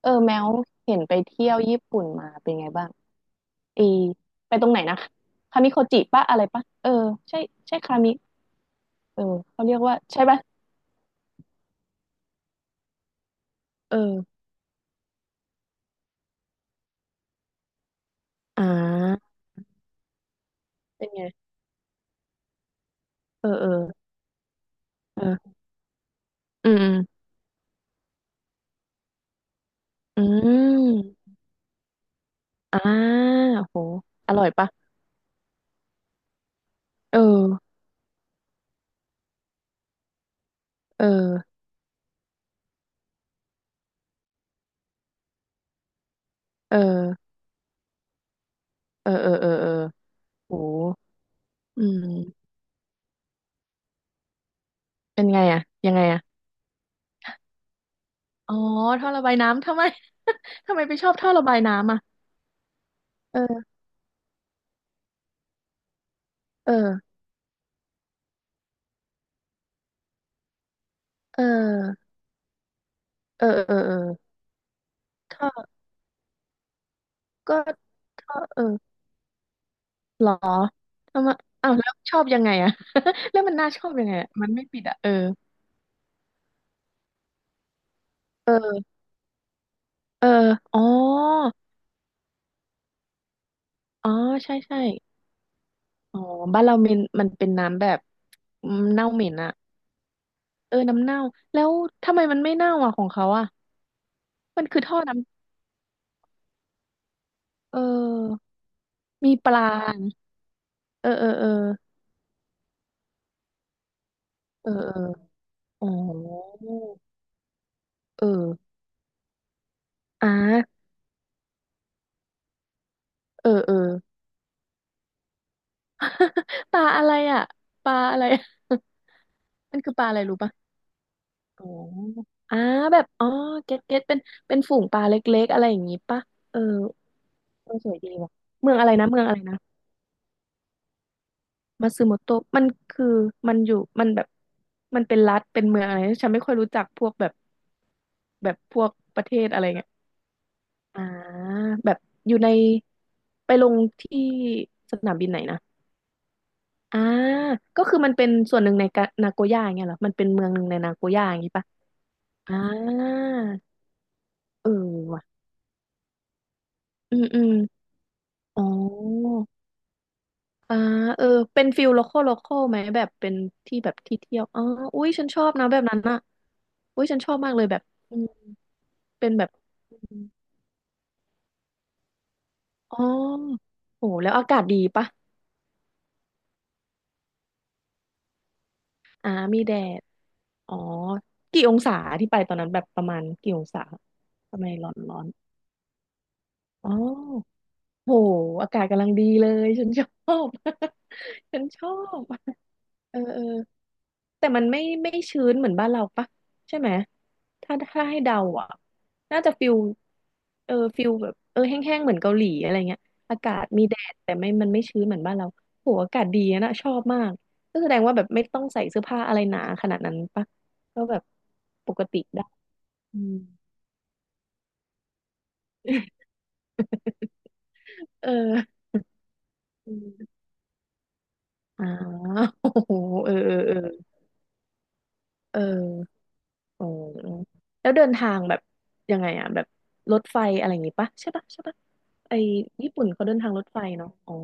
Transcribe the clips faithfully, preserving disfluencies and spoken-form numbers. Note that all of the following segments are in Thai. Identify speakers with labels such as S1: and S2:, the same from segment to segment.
S1: เออแมวเห็นไปเที่ยวญี่ปุ่นมาเป็นไงบ้างเอไปตรงไหนนะคามิโคจิปะอะไรปะเออใช่ใช่คามิเออเขาเรียกว่าใช่ปะเอออ่าเป็นไงเออเออเอออืมอืมอืมอ่าโหอร่อยปะเออเออเออเออเออเออเออโหอืมเป็นไงอะยังไงอะอ๋อท่อระบายน้ำทำไม ทำไมไปชอบท่อระบายน้ำอะเออเออเออเออเออเออท่อ ก็ก็เออหรอทำไมอ้าวแล้วชอบยังไงอะ แล้วมันน่าชอบยังไงอะมันไม่ปิดอะเออเออเอออ๋ออ๋อใช่ใช่อ๋อบ้านเรามันมันเป็นน้ำแบบอืมเน่าเหม็นอะเออน้ำเน่าแล้วทำไมมันไม่เน่าอะของเขาอะมันคือท่อน้ำเออมีปลาเออเออเออเออเอออ๋อเอออ่าเออเออ ปลาอะไรอะปลาอะไร มันคือปลาอะไรรู้ปะ โอ้ออ่าแบบอ๋อเก็ตเก็ตเป็นเป็นฝูงปลาเล็กๆอะไรอย่างงี้ปะเออเออสวยดีว่ะเมืองอะไรนะเมืองอะไรนะมาซึโมโตะมันคือมันอยู่มันแบบมันเป็นรัฐเป็นเมืองอะไรฉันไม่ค่อยรู้จักพวกแบบแบบพวกประเทศอะไรเงี้ยอ่าแบบอยู่ในไปลงที่สนามบินไหนนะอ่าก็คือมันเป็นส่วนหนึ่งในกะนาโกย่าอย่างเงี้ยเหรอมันเป็นเมืองหนึ่งในนาโกย่าอย่างงี้ปะอ่าเออว่ะอืมอืมอ๋อ อ่าเออเป็นฟิลโลคอลโลคอลไหมแบบเป็นที่แบบที่เที่ยวอ๋ออุ้ยฉันชอบนะแบบนั้นอ่ะอุ้ยฉันชอบมากเลยแบบอืมเป็นแบบอมอ๋อโหแล้วอากาศดีปะอ่ามีแดดอ๋อกี่องศาที่ไปตอนนั้นแบบประมาณกี่องศาทำไมร้อนร้อนอ๋อโหอากาศกำลังดีเลยฉันชอบ ฉันชอบเออเออ แต่มันไม่ไม่ชื้นเหมือนบ้านเราปะใช่ไหมถ้าถ้าให้เดาอ่ะน่าจะฟิลเออฟิลแบบเออแห้งๆเหมือนเกาหลีอะไรเงี้ยอากาศมีแดดแต่ไม่มันไม่ชื้นเหมือนบ้านเราโหอากาศดีอะนะชอบมากก็แสดงว่าแบบไม่ต้องใส่เสื้อผ้าอะไรหนาขนาดนั้นปะก็แบบปกติได้อืม เอออืม อ่าโอ้ โหเออเออเออเออ อ๋อแล้วเดินทางแบบยังไงอะแบบรถไฟอะไรอย่างงี้ปะใช่ปะใช่ปะไอญี่ปุ่นเขาเดินทางรถไฟเนาะอ๋อ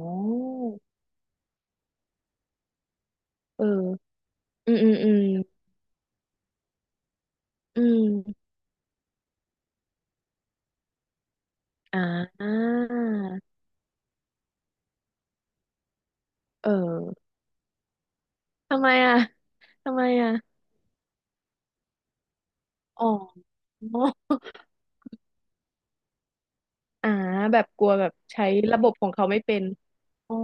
S1: เอออืมอืมอืมอืมอ่าเออทำไมอะทำไมอะอ๋ออ่าแบบกลัวแบบใช้ระบบของเขาไม่เป็นอ๋อ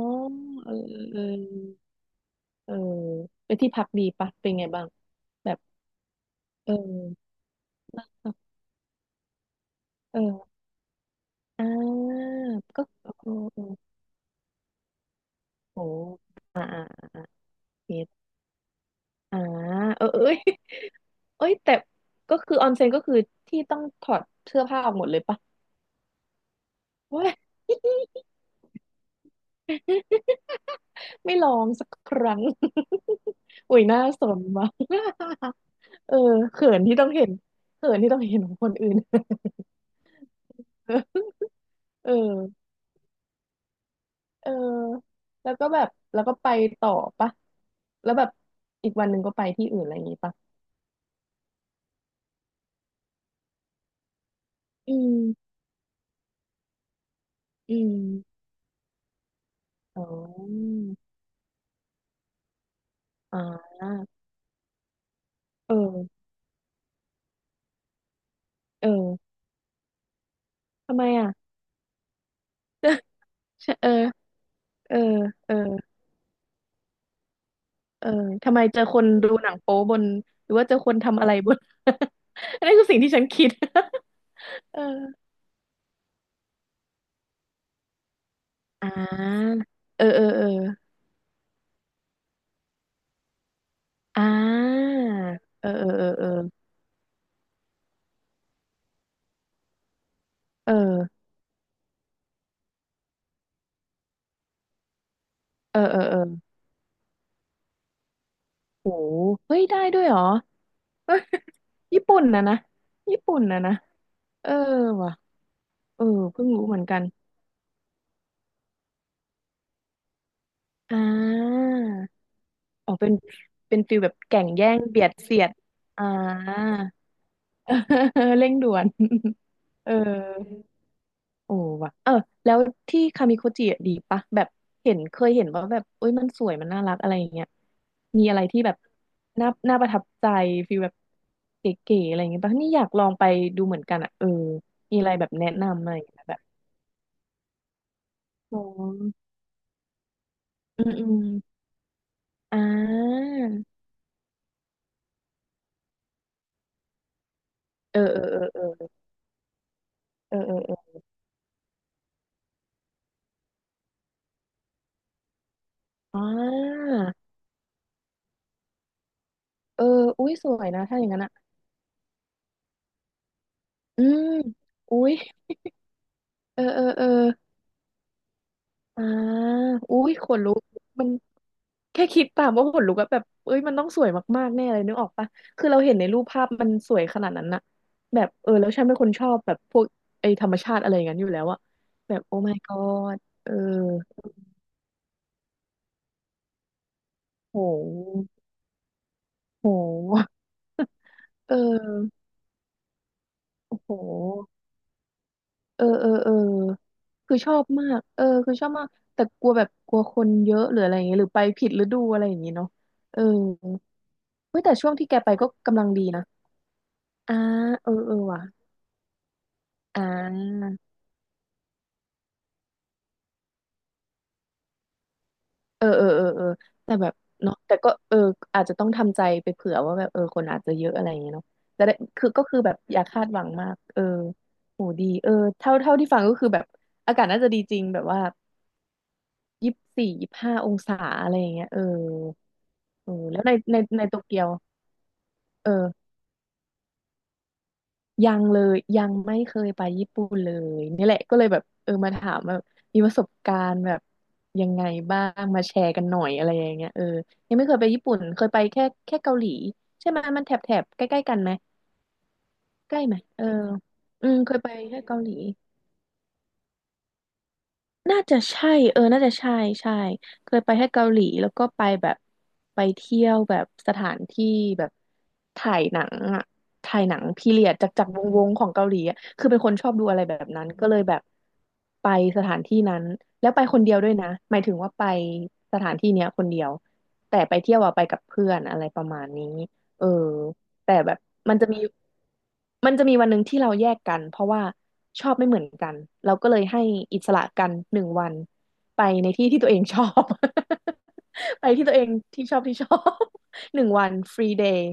S1: เออเออเออไปที่พักดีปะเป็นไงบ้างแบบเออเอออ่าก็โอ้โห เม็ดอ่าเออเอ้ยเอ้ยแต่ก็คือออนเซ็นก็คือที่ต้องถอดเสื้อผ้าออกหมดเลยปะเว้ย ไม่ลองสักครั้ง อุ้ยน่าสนมาก เออเขินที่ต้องเห็นเขินที่ต้องเห็นของคนอื่น เออเออแล้วก็แบบแล้วก็ไปต่อปะแล้วแบบอีกวันหนึ่งก็ไปที่อื่นอะไรอย่างงี้ปะอืมอืมอ๋ออ่าเออ เออ ทำไมอ่ะ เออเออเออเออทำไมเจอคนดูหนังโป๊บนหรือว่าเจอคนทำอะไรบน อันนี้คือสิ่งที่ฉันคิด เอออ่าเออเออเอออ่าเออเออเออเออเออเออเออเออโหเฮ้ยได้ด้วยเหรอเอ้ยญี่ปุ่นนะนะญี่ปุ่นนะนะเออว่ะเออเพิ่งรู้เหมือนกันอ่าอ๋อเป็นเป็นฟิลแบบแก่งแย่งเบียดเสียดอ่า เออเร่งด่วน เออโอ้ว่ะเออแล้วที่คามิโคจิอะดีปะแบบเห็นเคยเห็นว่าแบบเอ้ยมันสวยมันน่ารักอะไรอย่างเงี้ยมีอะไรที่แบบน่าน่าประทับใจฟีลแบบเก๋ๆอะไรอย่างเงี้ยปะนี่อยากลองไปดูเหมือนกันอ่ะเออมีอะไรแบบแนะนำอะไรอย่างเงี้ยแบบอ๋ออืมอืมอ่าเออเออเออเออเออเออเอออ่าเอออุ้ยสวยนะถ้าอย่างนั้นอ่ะอืมอุ้ยเออเออเออ อ่าอุ้ยขนลุกมันแค่คิดตามว่าขนลุกอะแบบเอ้ยมันต้องสวยมากๆแน่เลยนึกออกปะคือเราเห็นในรูปภาพมันสวยขนาดนั้นอะแบบเออแล้วฉันเป็นคนชอบแบบพวกไอ้ธรรมชาติอะไรอย่างนั้นอยู่แล้วอะแบบโอ้ my god เออโหโหเออโอ้โหเออเออเออคือชอบมากเออคือชอบมาก แต่กลัวแบบกลัวคนเยอะหรืออะไรอย่างเงี้ยหรือไปผิดฤดูอะไรอย่างงี้เนาะเออเฮ้ยแต่ช่วงที่แกไปก็กำลังดีนะ อ่าเออเออว่ะอ่าเออเออเออเออแต่แบบเนาะแต่ก็เอออาจจะต้องทำใจไปเผื่อว่าแบบเออคนอาจจะเยอะอะไรอย่างเงี้ยเนาะจะได้คือก็คือแบบอย่าคาดหวังมากเออโหดีเออเท่าเท่าที่ฟังก็คือแบบอากาศน่าจะดีจริงแบบว่ายี่สิบสี่ยี่สิบห้าองศาอะไรอย่างเงี้ยเออเออแล้วในในในโตเกียวเออ ยังเลยยังไม่เคยไปญี่ปุ่นเลยนี่แหละก็เลยแบบเออมาถามแบบมีประสบการณ์แบบยังไงบ้างมาแชร์กันหน่อยอะไรอย่างเงี้ยเออยังไม่เคยไปญี่ปุ่นเคยไปแค่แค่เกาหลีใช่ไหมมันแถบแถบใกล้ๆกันไหมใกล้ไหมเอออืมเคยไปแค่เกาหลี น่าจะใช่เออน่าจะใช่ใช่เคยไปแค่เกาหลีแล้วก็ไปแบบไปเที่ยวแบบสถานที่แบบถ่ายหนังอ่ะถ่ายหนังพีเรียดจากจากวงวงของเกาหลีอะคือเป็นคนชอบดูอะไรแบบนั้นก็เลยแบบไปสถานที่นั้นแล้วไปคนเดียวด้วยนะหมายถึงว่าไปสถานที่เนี้ยคนเดียวแต่ไปเที่ยวอะไปกับเพื่อนอะไรประมาณนี้เออ แต่แบบมันจะมีมันจะมีวันหนึ่งที่เราแยกกันเพราะว่าชอบไม่เหมือนกันเราก็เลยให้อิสระกันหนึ่งวันไปในที่ที่ตัวเองชอบ ไปที่ตัวเองที่ชอบที่ชอบ หนึ่งวันฟรีเดย์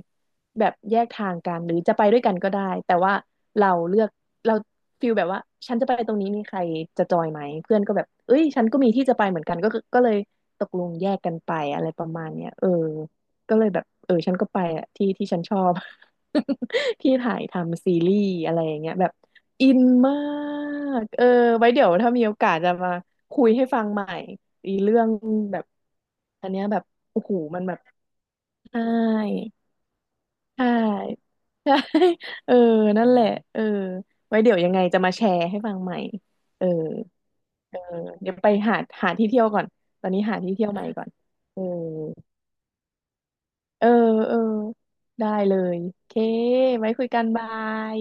S1: แบบแยกทางกันหรือจะไปด้วยกันก็ได้แต่ว่าเราเลือกเราฟิลแบบว่าฉันจะไปตรงนี้มีใครจะจอยไหมเพื่อนก็แบบเอ้ยฉันก็มีที่จะไปเหมือนกันก็คือก็เลยตกลงแยกกันไปอะไรประมาณเนี้ยเออ ก็เลยแบบเออฉันก็ไปอะที่ที่ฉันชอบ ที่ถ่ายทำซีรีส์อะไรอย่างเงี้ยแบบอินมากเออไว้เดี๋ยวถ้ามีโอกาสจะมาคุยให้ฟังใหม่อีเรื่องแบบอันเนี้ยแบบโอ้โหมันแบบใช่ใช่ใช่เออนั่นแหละเออไว้เดี๋ยวยังไงจะมาแชร์ให้ฟังใหม่เออเออเดี๋ยวไปหาหาที่เที่ยวก่อนตอนนี้หาที่เที่ยวใหม่ก่อนเออ เออเออได้เลยโอเคไว้คุยกันบาย